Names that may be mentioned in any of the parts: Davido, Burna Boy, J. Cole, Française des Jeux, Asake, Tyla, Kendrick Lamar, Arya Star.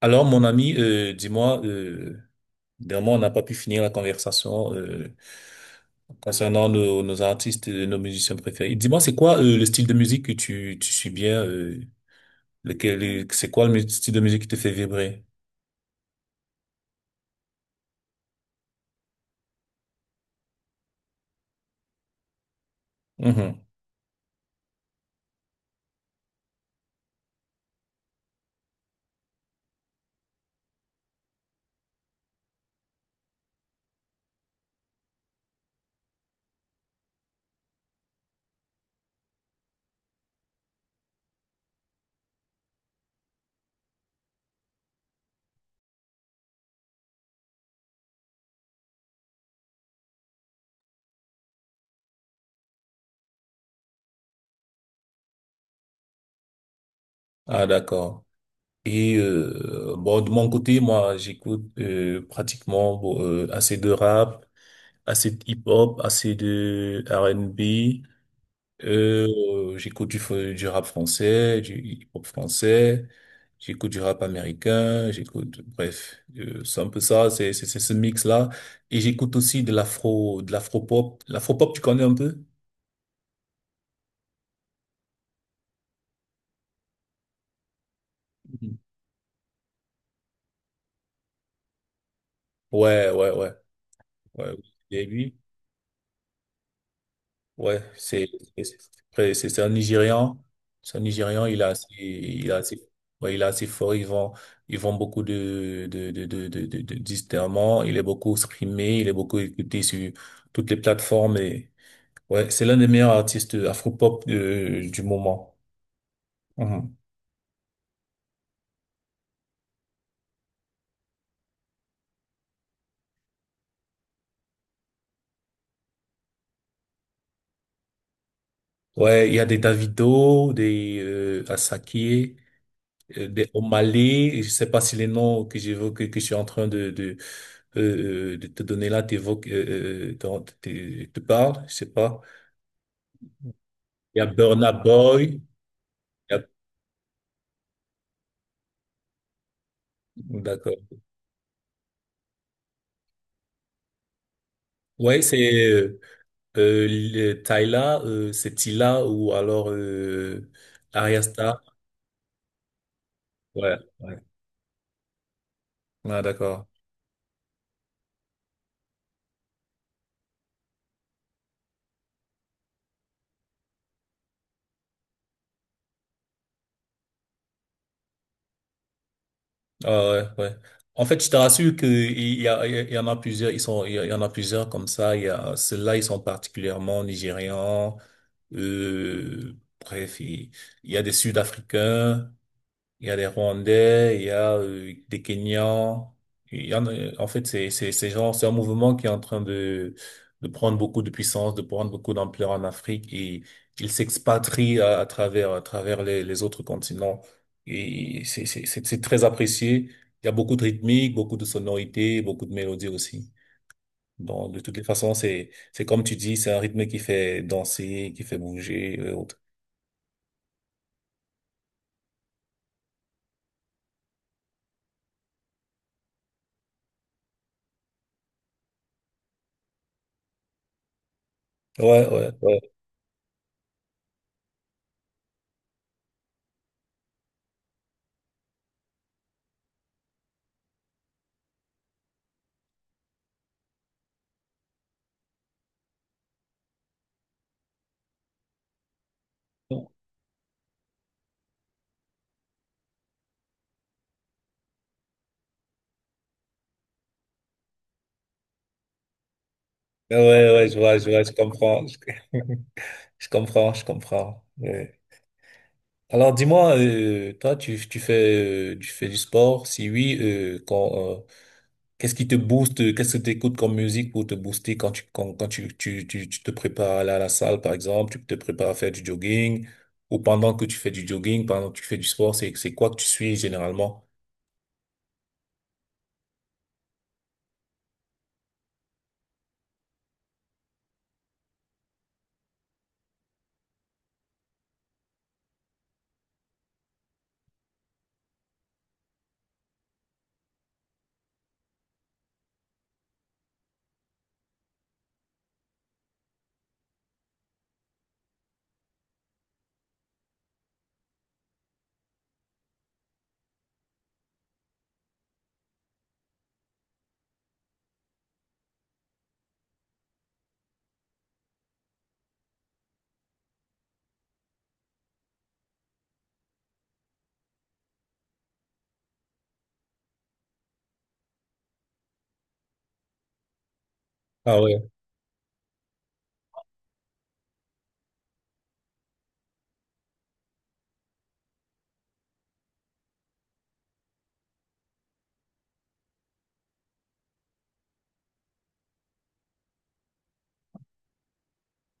Alors, mon ami, dis-moi, dernièrement, on n'a pas pu finir la conversation concernant nos artistes, et nos musiciens préférés. Dis-moi, c'est quoi le style de musique que tu suis bien, c'est quoi le style de musique qui te fait vibrer? Mhm. Ah, d'accord. Et bon, de mon côté, moi, j'écoute pratiquement bon, assez de rap, assez de hip-hop, assez de R&B. J'écoute du rap français, du hip-hop français, j'écoute du rap américain, j'écoute, bref, c'est un peu ça, c'est ce mix-là. Et j'écoute aussi de l'afro, de l'afro-pop. L'afro-pop, tu connais un peu? Mhm. Ouais, ouais, ouais, ouais. Oui. Et ouais, c'est c'est un Nigérian. C'est un Nigérian, il a assez, ouais, il est assez fort, il vend beaucoup de disques, il est beaucoup streamé, il est beaucoup écouté sur toutes les plateformes et, ouais, c'est l'un des meilleurs artistes afro-pop du moment. Mhm. Ouais, il y a des Davido, des Asake, au Mali. Je sais pas si les noms que j'évoque, que je suis en train de de te donner là, t'évoques, dont te parle, je sais pas. Il y a Burna Boy. Il y a- D'accord. Ouais, c'est Tyla, c'est Tila ou alors Arya Star. Ouais, ouais. Ah, d'accord. Ah ouais, ouais. En fait, je te rassure qu'il y a, il y en a plusieurs, ils sont, il y en a plusieurs comme ça. Il y a ceux-là, ils sont particulièrement nigérians. Euh, bref, il, il y a des Sud-Africains. Il y a des Rwandais, il y a des Kenyans. Il y en a, en fait, c'est genre, c'est un mouvement qui est en train de prendre beaucoup de puissance, de prendre beaucoup d'ampleur en Afrique et il s'expatrie à travers les autres continents. Et c'est très apprécié. Il y a beaucoup de rythmique, beaucoup de sonorités, beaucoup de mélodies aussi. Bon, de toutes les façons, c'est comme tu dis, c'est un rythme qui fait danser, qui fait bouger et autres. Ouais, ouais, ouais. Ouais, ouais, ouais, je comprends, je comprends. Oui. Alors, dis-moi, toi, tu fais du sport? Si oui, quand, qu'est-ce qui te booste? Qu'est-ce que tu écoutes comme musique pour te booster quand tu, quand, quand tu te prépares à aller à la salle, par exemple, tu te prépares à faire du jogging, ou pendant que tu fais du jogging, pendant que tu fais du sport, c'est quoi que tu suis généralement? Ah ouais.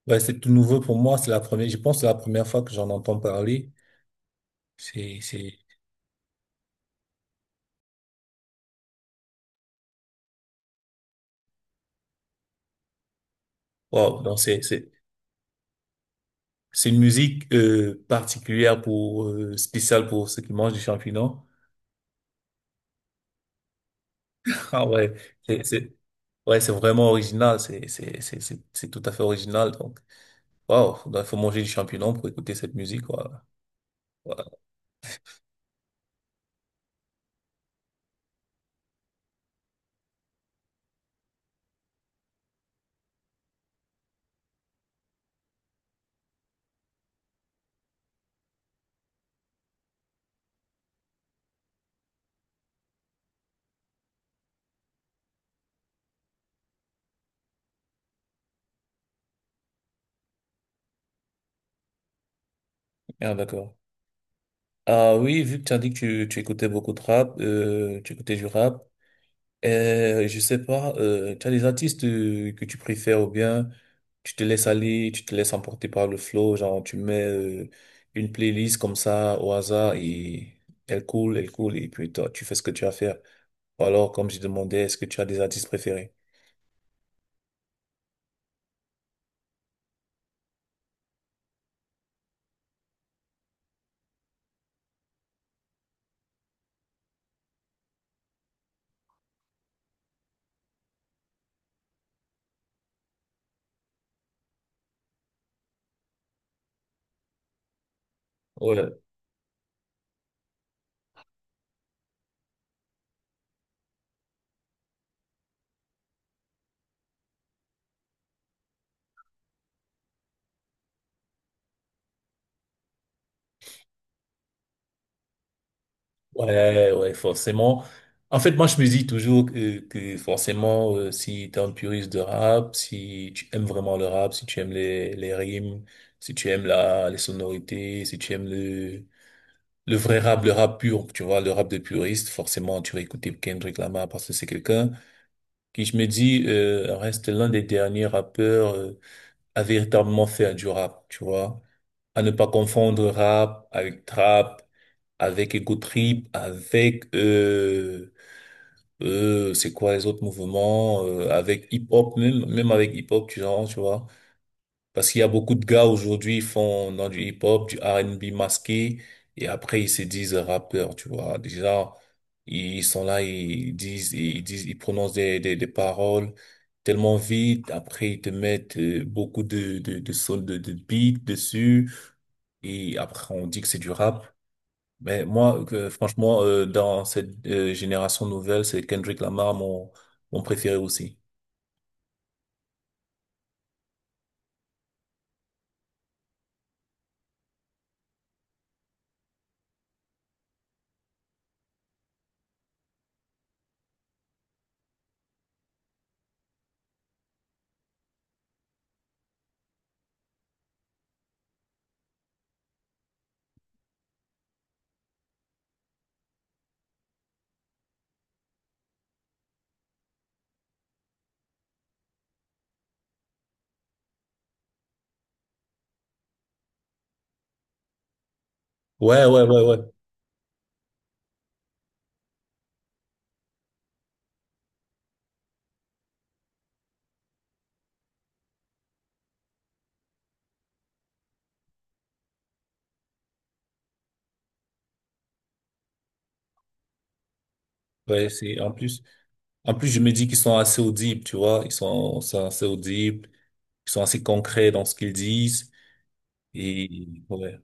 Ouais, c'est tout nouveau pour moi. C'est la première, je pense que c'est la première fois que j'en entends parler. C'est, c'est, wow, non, c'est une musique particulière pour spéciale pour ceux qui mangent des champignons. Ah ouais, c'est c'est- ouais, c'est vraiment original, c'est tout à fait original donc. Waouh, il faut manger du champignon pour écouter cette musique quoi. Voilà. Ah d'accord. Ah oui, vu que tu as dit que tu écoutais beaucoup de rap, tu écoutais du rap. Je sais pas, tu as des artistes que tu préfères ou bien tu te laisses aller, tu te laisses emporter par le flow, genre tu mets une playlist comme ça au hasard et elle coule et puis toi tu fais ce que tu as à faire. Ou alors comme je demandais, est-ce que tu as des artistes préférés? Ouais, ouais, ouais, forcément. En fait, moi, je me dis toujours que forcément, si t'es un puriste de rap, si tu aimes vraiment le rap, si tu aimes les rimes, si tu aimes les sonorités, si tu aimes le vrai rap, le rap pur, tu vois, le rap de puriste, forcément, tu vas écouter Kendrick Lamar parce que c'est quelqu'un qui, je me dis, reste l'un des derniers rappeurs à véritablement faire du rap, tu vois. À ne pas confondre rap avec trap, avec ego trip, avec, c'est quoi les autres mouvements, avec hip-hop, même avec hip-hop, tu genre, tu vois. Parce qu'il y a beaucoup de gars aujourd'hui, ils font dans du hip-hop, du R&B masqué, et après ils se disent rappeurs, tu vois. Déjà, ils sont là, ils prononcent des, des paroles tellement vite. Après, ils te mettent beaucoup de sons, de beats dessus, et après on dit que c'est du rap. Mais moi, franchement, dans cette génération nouvelle, c'est Kendrick Lamar mon, mon préféré aussi. Ouais, ouais, ouais, ouais. Ouais, c'est en plus. En plus, je me dis qu'ils sont assez audibles, tu vois. Sont assez audibles. Ils sont assez concrets dans ce qu'ils disent. Et, ouais.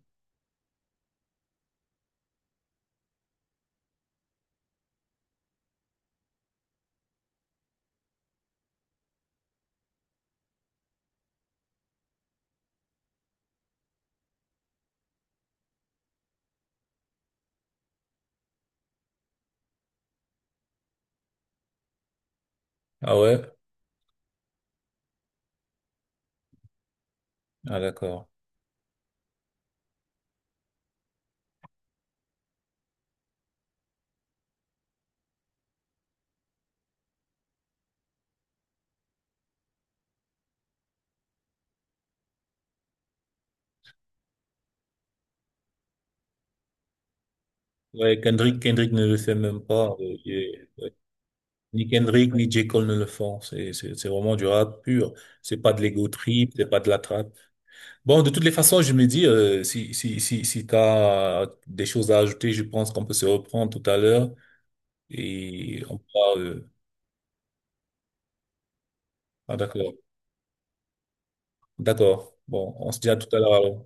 Ah ouais? Ah d'accord. Ouais, Kendrick, Kendrick ne le fait même pas. Ni Kendrick, ni J. Cole ne le font. C'est vraiment du rap pur. C'est pas de l'ego trip, c'est pas de la trappe. Bon, de toutes les façons, je me dis, si t'as des choses à ajouter, je pense qu'on peut se reprendre tout à l'heure et on pourra, ah d'accord. D'accord. Bon, on se dit à tout à l'heure alors.